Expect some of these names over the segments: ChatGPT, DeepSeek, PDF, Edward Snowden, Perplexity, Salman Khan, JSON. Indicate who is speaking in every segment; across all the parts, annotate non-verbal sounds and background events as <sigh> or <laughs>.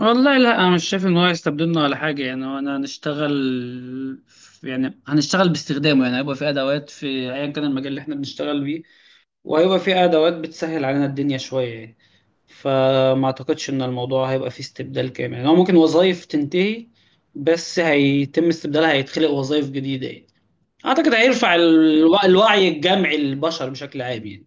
Speaker 1: والله لا انا مش شايف ان هو يستبدلنا ولا حاجه. يعني هو انا هنشتغل يعني هنشتغل باستخدامه، يعني هيبقى في ادوات في ايا كان المجال اللي احنا بنشتغل بيه، وهيبقى في ادوات بتسهل علينا الدنيا شويه يعني. فما اعتقدش ان الموضوع هيبقى فيه استبدال كامل، يعني هو ممكن وظائف تنتهي بس هيتم استبدالها، هيتخلق وظائف جديده يعني. اعتقد هيرفع الوعي الجمعي للبشر بشكل عام يعني.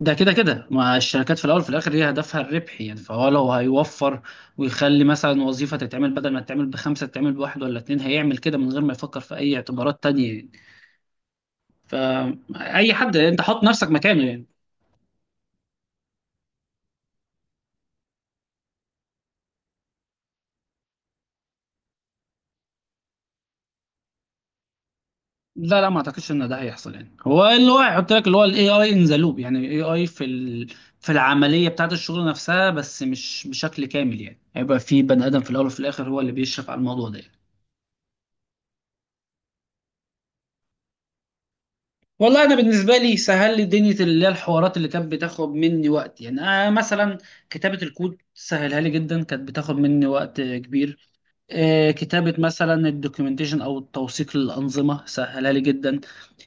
Speaker 1: ده كده كده ما الشركات في الاول في الاخر هي هدفها الربح، يعني فهو لو هيوفر ويخلي مثلا وظيفه تتعمل بدل ما تتعمل بخمسه تتعمل بواحد ولا اتنين، هيعمل كده من غير ما يفكر في اي اعتبارات تانية يعني. فاي حد انت حط نفسك مكانه يعني. لا لا، ما اعتقدش ان ده هيحصل، يعني هو اللي هو هيحط لك اللي هو الاي اي ان ذا لوب، يعني الاي اي في العمليه بتاعت الشغل نفسها، بس مش بشكل كامل يعني، هيبقى في بني ادم في الاول وفي الاخر هو اللي بيشرف على الموضوع ده. والله انا بالنسبه لي سهل لي دنيا اللي هي الحوارات اللي كانت بتاخد مني وقت، يعني انا مثلا كتابه الكود سهلها لي جدا، كانت بتاخد مني وقت كبير. كتابه مثلا الدوكيومنتيشن او التوثيق للانظمه سهلها لي جدا.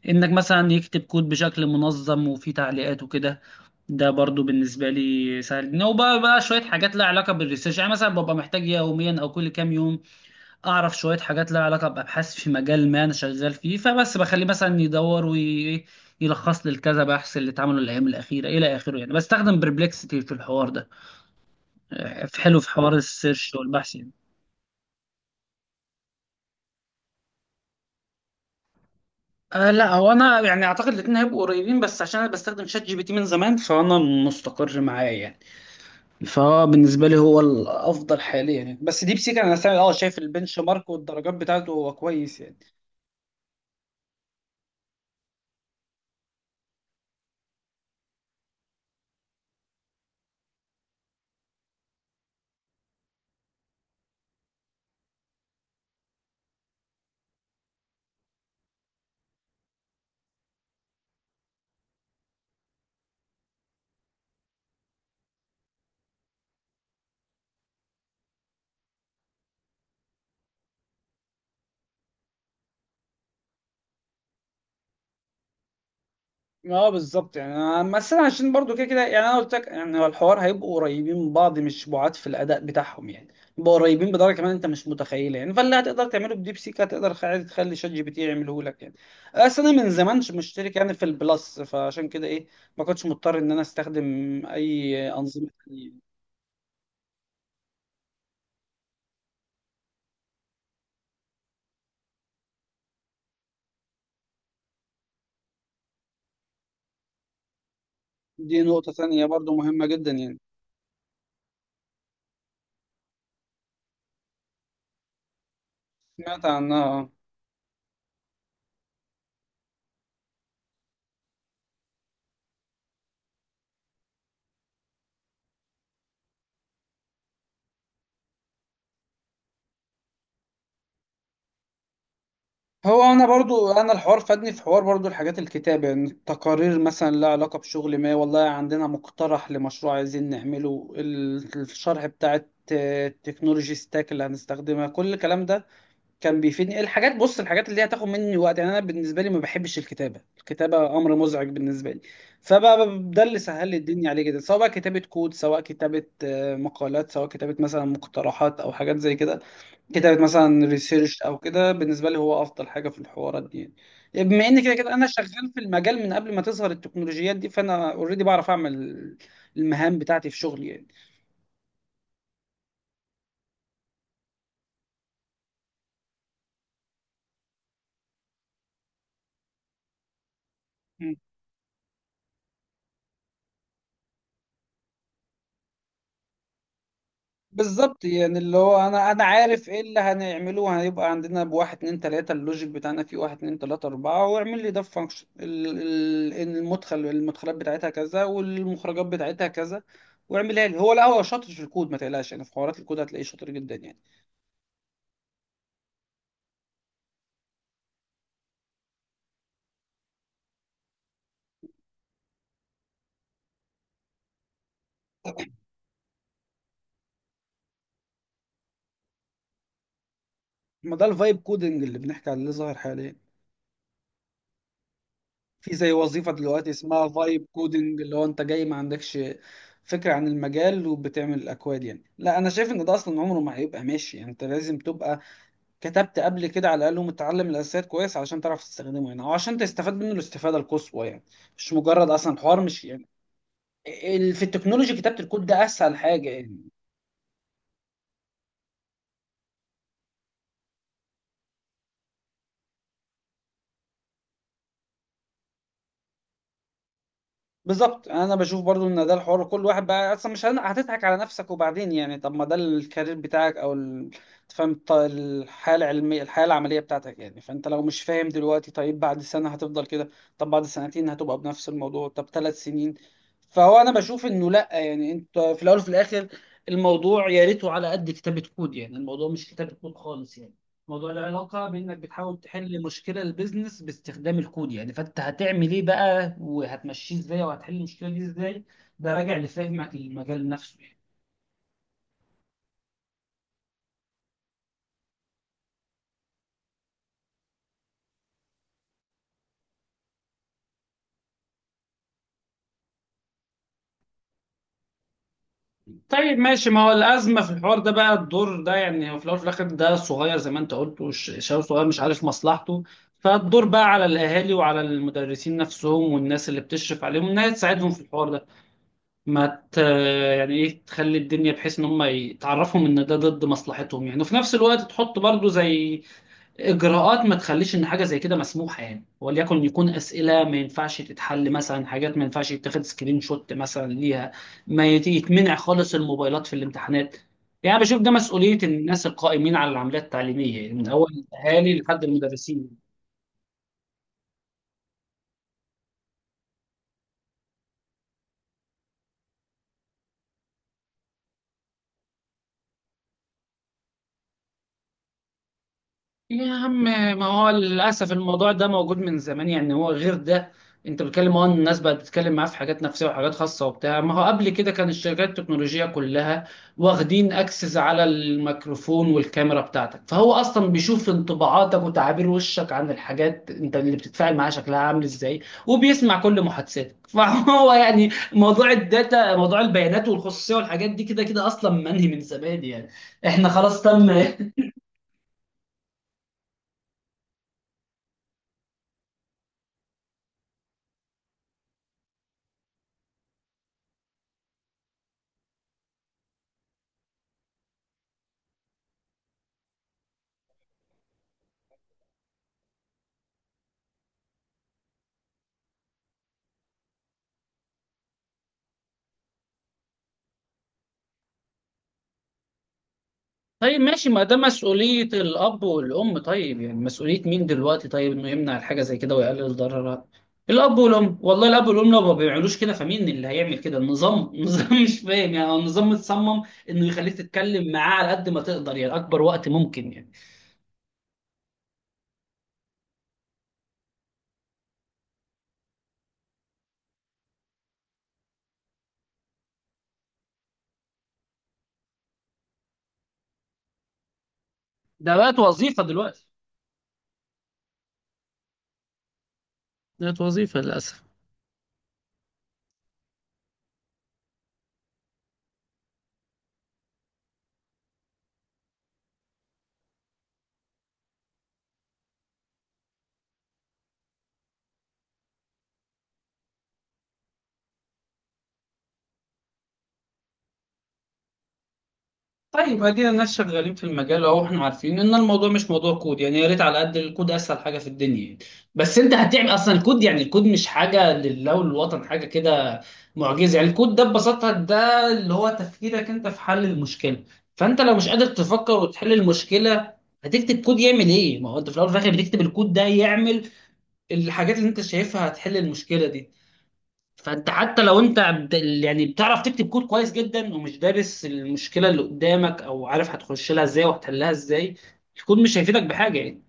Speaker 1: انك مثلا يكتب كود بشكل منظم وفيه تعليقات وكده، ده برضو بالنسبه لي سهل. إن هو بقى شويه حاجات لها علاقه بالريسيرش، يعني مثلا ببقى محتاج يوميا او كل كام يوم اعرف شويه حاجات لها علاقه بابحاث في مجال ما انا شغال فيه، فبس بخليه مثلا يدور ويلخص لي الكذا بحث اللي اتعملوا الايام الاخيره الى اخره، يعني بستخدم بربلكسيتي في الحوار ده. حلو في حوار السيرش والبحث يعني. لا، هو انا يعني اعتقد الاثنين هيبقوا قريبين، بس عشان انا بستخدم شات جي بي تي من زمان فانا مستقر معاه يعني. فهو بالنسبه لي هو الافضل حاليا يعني، بس ديب سيك انا شايف البنش مارك والدرجات بتاعته هو كويس يعني. اه بالظبط يعني. بس انا عشان برضو كده كده، يعني انا قلت لك يعني هو الحوار هيبقوا قريبين من بعض مش بعاد في الاداء بتاعهم يعني، يبقوا قريبين بدرجه كمان انت مش متخيله يعني. فاللي هتقدر تعمله بديب سيك هتقدر عادي تخلي شات جي بي تي يعمله لك يعني. بس انا من زمان مش مشترك يعني في البلس، فعشان كده ايه، ما كنتش مضطر ان انا استخدم اي انظمه تانية. دي نقطه تانية برضو مهمه جدا يعني. سمعت عنها آه. هو انا برضو انا الحوار فادني في حوار برضو الحاجات الكتابة، يعني تقارير مثلا لها علاقة بشغل، ما والله عندنا مقترح لمشروع عايزين نعمله الشرح بتاع التكنولوجي ستاك اللي هنستخدمها، كل الكلام ده كان بيفيدني. الحاجات، بص الحاجات اللي هي هتاخد مني وقت يعني انا بالنسبة لي ما بحبش الكتابة، الكتابة امر مزعج بالنسبة لي. فبقى ده اللي سهل لي الدنيا عليه جدا، سواء بقى كتابة كود، سواء كتابة مقالات، سواء كتابة مثلا مقترحات او حاجات زي كده، كتابة مثلا ريسيرش أو كده. بالنسبة لي هو أفضل حاجة في الحوارات دي يعني. يعني بما إن كده كده أنا شغال في المجال من قبل ما تظهر التكنولوجيات دي، فأنا أوريدي بعرف أعمل المهام بتاعتي في شغلي يعني. مم. بالظبط يعني اللي هو انا عارف ايه اللي هنعمله، هيبقى عندنا بواحد اتنين تلاته اللوجيك بتاعنا فيه واحد اتنين تلاته اربعه، واعمل لي ده فانكشن، المدخل المدخلات بتاعتها كذا والمخرجات بتاعتها كذا واعملها لي. هو لا، هو شاطر في الكود ما تقلقش، يعني في حوارات الكود هتلاقيه شاطر جدا يعني. ما ده الفايب كودنج اللي بنحكي عليه اللي ظاهر حاليا. في زي وظيفة دلوقتي اسمها فايب كودنج، اللي هو انت جاي ما عندكش فكرة عن المجال وبتعمل الاكواد يعني. لا انا شايف ان ده اصلا عمره ما هيبقى ماشي، يعني انت لازم تبقى كتبت قبل كده على الاقل ومتعلم الاساسيات كويس علشان تعرف تستخدمه يعني، او عشان تستفاد منه الاستفادة القصوى يعني. مش مجرد اصلا حوار، مش يعني في التكنولوجي كتابة الكود ده اسهل حاجة يعني. بالظبط. يعني انا بشوف برضو ان ده الحوار كل واحد بقى اصلا مش هتضحك على نفسك وبعدين، يعني طب ما ده الكارير بتاعك او تفهم الحياه العلميه الحياه العمليه بتاعتك يعني. فانت لو مش فاهم دلوقتي طيب بعد سنه هتفضل كده، طب بعد سنتين هتبقى بنفس الموضوع، طب 3 سنين. فهو انا بشوف انه لا يعني، انت في الاول وفي الاخر الموضوع يا ريته على قد كتابة كود يعني، الموضوع مش كتابة كود خالص يعني. موضوع العلاقة بإنك بتحاول تحل مشكلة البيزنس باستخدام الكود يعني، فأنت هتعمل إيه بقى وهتمشيه إزاي وهتحل المشكلة دي إزاي. ده راجع لفهمك للمجال نفسه يعني. طيب ماشي، ما هو الأزمة في الحوار ده بقى الدور ده، يعني هو في الأول وفي الآخر ده صغير زي ما أنت قلت، شباب صغير مش عارف مصلحته. فالدور بقى على الأهالي وعلى المدرسين نفسهم والناس اللي بتشرف عليهم إنها تساعدهم في الحوار ده. ما ت... يعني ايه تخلي الدنيا بحيث ان هم يتعرفوا ان ده ضد مصلحتهم يعني، وفي نفس الوقت تحط برضو زي اجراءات ما تخليش ان حاجه زي كده مسموحه يعني، وليكن يكون اسئله ما ينفعش تتحل، مثلا حاجات ما ينفعش يتاخد سكرين شوت مثلا ليها، ما يت- يتمنع خالص الموبايلات في الامتحانات. يعني بشوف ده مسؤوليه الناس القائمين على العمليات التعليميه، يعني من اول الاهالي لحد المدرسين. يا عم ما هو للأسف الموضوع ده موجود من زمان، يعني هو غير ده. انت بتتكلم إن الناس بقت بتتكلم معاه في حاجات نفسية وحاجات خاصة وبتاع، ما هو قبل كده كان الشركات التكنولوجية كلها واخدين اكسس على الميكروفون والكاميرا بتاعتك، فهو اصلا بيشوف انطباعاتك وتعابير وشك عن الحاجات انت اللي بتتفاعل معاها شكلها عامل ازاي، وبيسمع كل محادثاتك <laughs> فهو يعني موضوع الداتا، موضوع البيانات والخصوصية والحاجات دي كده كده اصلا منهي من زمان يعني. احنا خلاص تم. طيب ماشي ما ده مسؤولية الأب والأم، طيب يعني مسؤولية مين دلوقتي طيب إنه يمنع الحاجة زي كده ويقلل ضررها؟ الأب والأم، والله الأب والأم لو ما بيعملوش كده فمين اللي هيعمل كده؟ النظام <laughs> النظام مش فاهم يعني. هو النظام متصمم إنه يخليك تتكلم معاه على قد ما تقدر يعني، أكبر وقت ممكن يعني. ده بقت وظيفة دلوقتي، بقت وظيفة للأسف. طيب ادينا الناس شغالين في المجال، اهو احنا عارفين ان الموضوع مش موضوع كود يعني، يا ريت على قد الكود اسهل حاجه في الدنيا يعني. بس انت هتعمل اصلا الكود، يعني الكود مش حاجه لله وللوطن، حاجه كده معجزه يعني. الكود ده ببساطه ده اللي هو تفكيرك انت في حل المشكله. فانت لو مش قادر تفكر وتحل المشكله هتكتب كود يعمل ايه؟ ما هو انت في الاول وفي الاخر بتكتب الكود ده يعمل الحاجات اللي انت شايفها هتحل المشكله دي. فانت حتى لو انت يعني بتعرف تكتب كود كويس جدا ومش دارس المشكله اللي قدامك او عارف هتخش لها ازاي وهتحلها ازاي، الكود مش هيفيدك بحاجه يعني.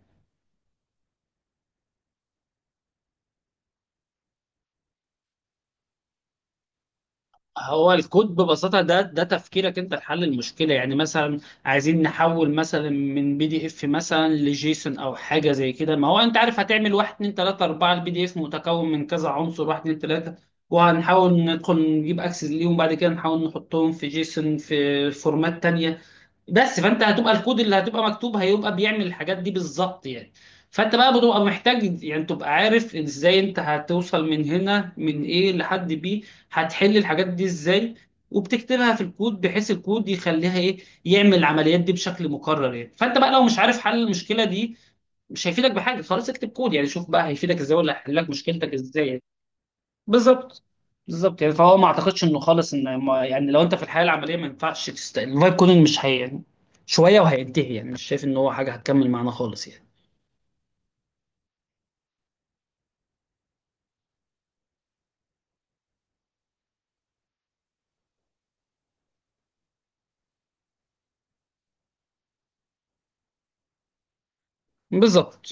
Speaker 1: هو الكود ببساطه ده تفكيرك انت لحل المشكله، يعني مثلا عايزين نحول مثلا من بي دي اف مثلا لجيسون او حاجه زي كده، ما هو انت عارف هتعمل 1 2 3 4، البي دي اف متكون من كذا عنصر 1 2 3 وهنحاول ندخل نجيب اكسس ليهم، بعد كده نحاول نحطهم في جيسون في فورمات تانية بس. فانت هتبقى الكود اللي هتبقى مكتوب هيبقى بيعمل الحاجات دي بالظبط يعني. فانت بقى بتبقى محتاج يعني تبقى عارف ازاي انت هتوصل من هنا من ايه لحد بي، هتحل الحاجات دي ازاي وبتكتبها في الكود بحيث الكود يخليها ايه، يعمل العمليات دي بشكل مكرر يعني. فانت بقى لو مش عارف حل المشكلة دي مش هيفيدك بحاجة، خلاص اكتب كود يعني شوف بقى هيفيدك ازاي ولا هيحل لك مشكلتك ازاي يعني. بالظبط بالظبط يعني فهو ما اعتقدش انه خالص، ان يعني لو انت في الحياه العمليه ما ينفعش الفايب كودنج مش هي يعني شويه وهينتهي يعني، مش شايف ان هو حاجه هتكمل معانا خالص يعني. بالظبط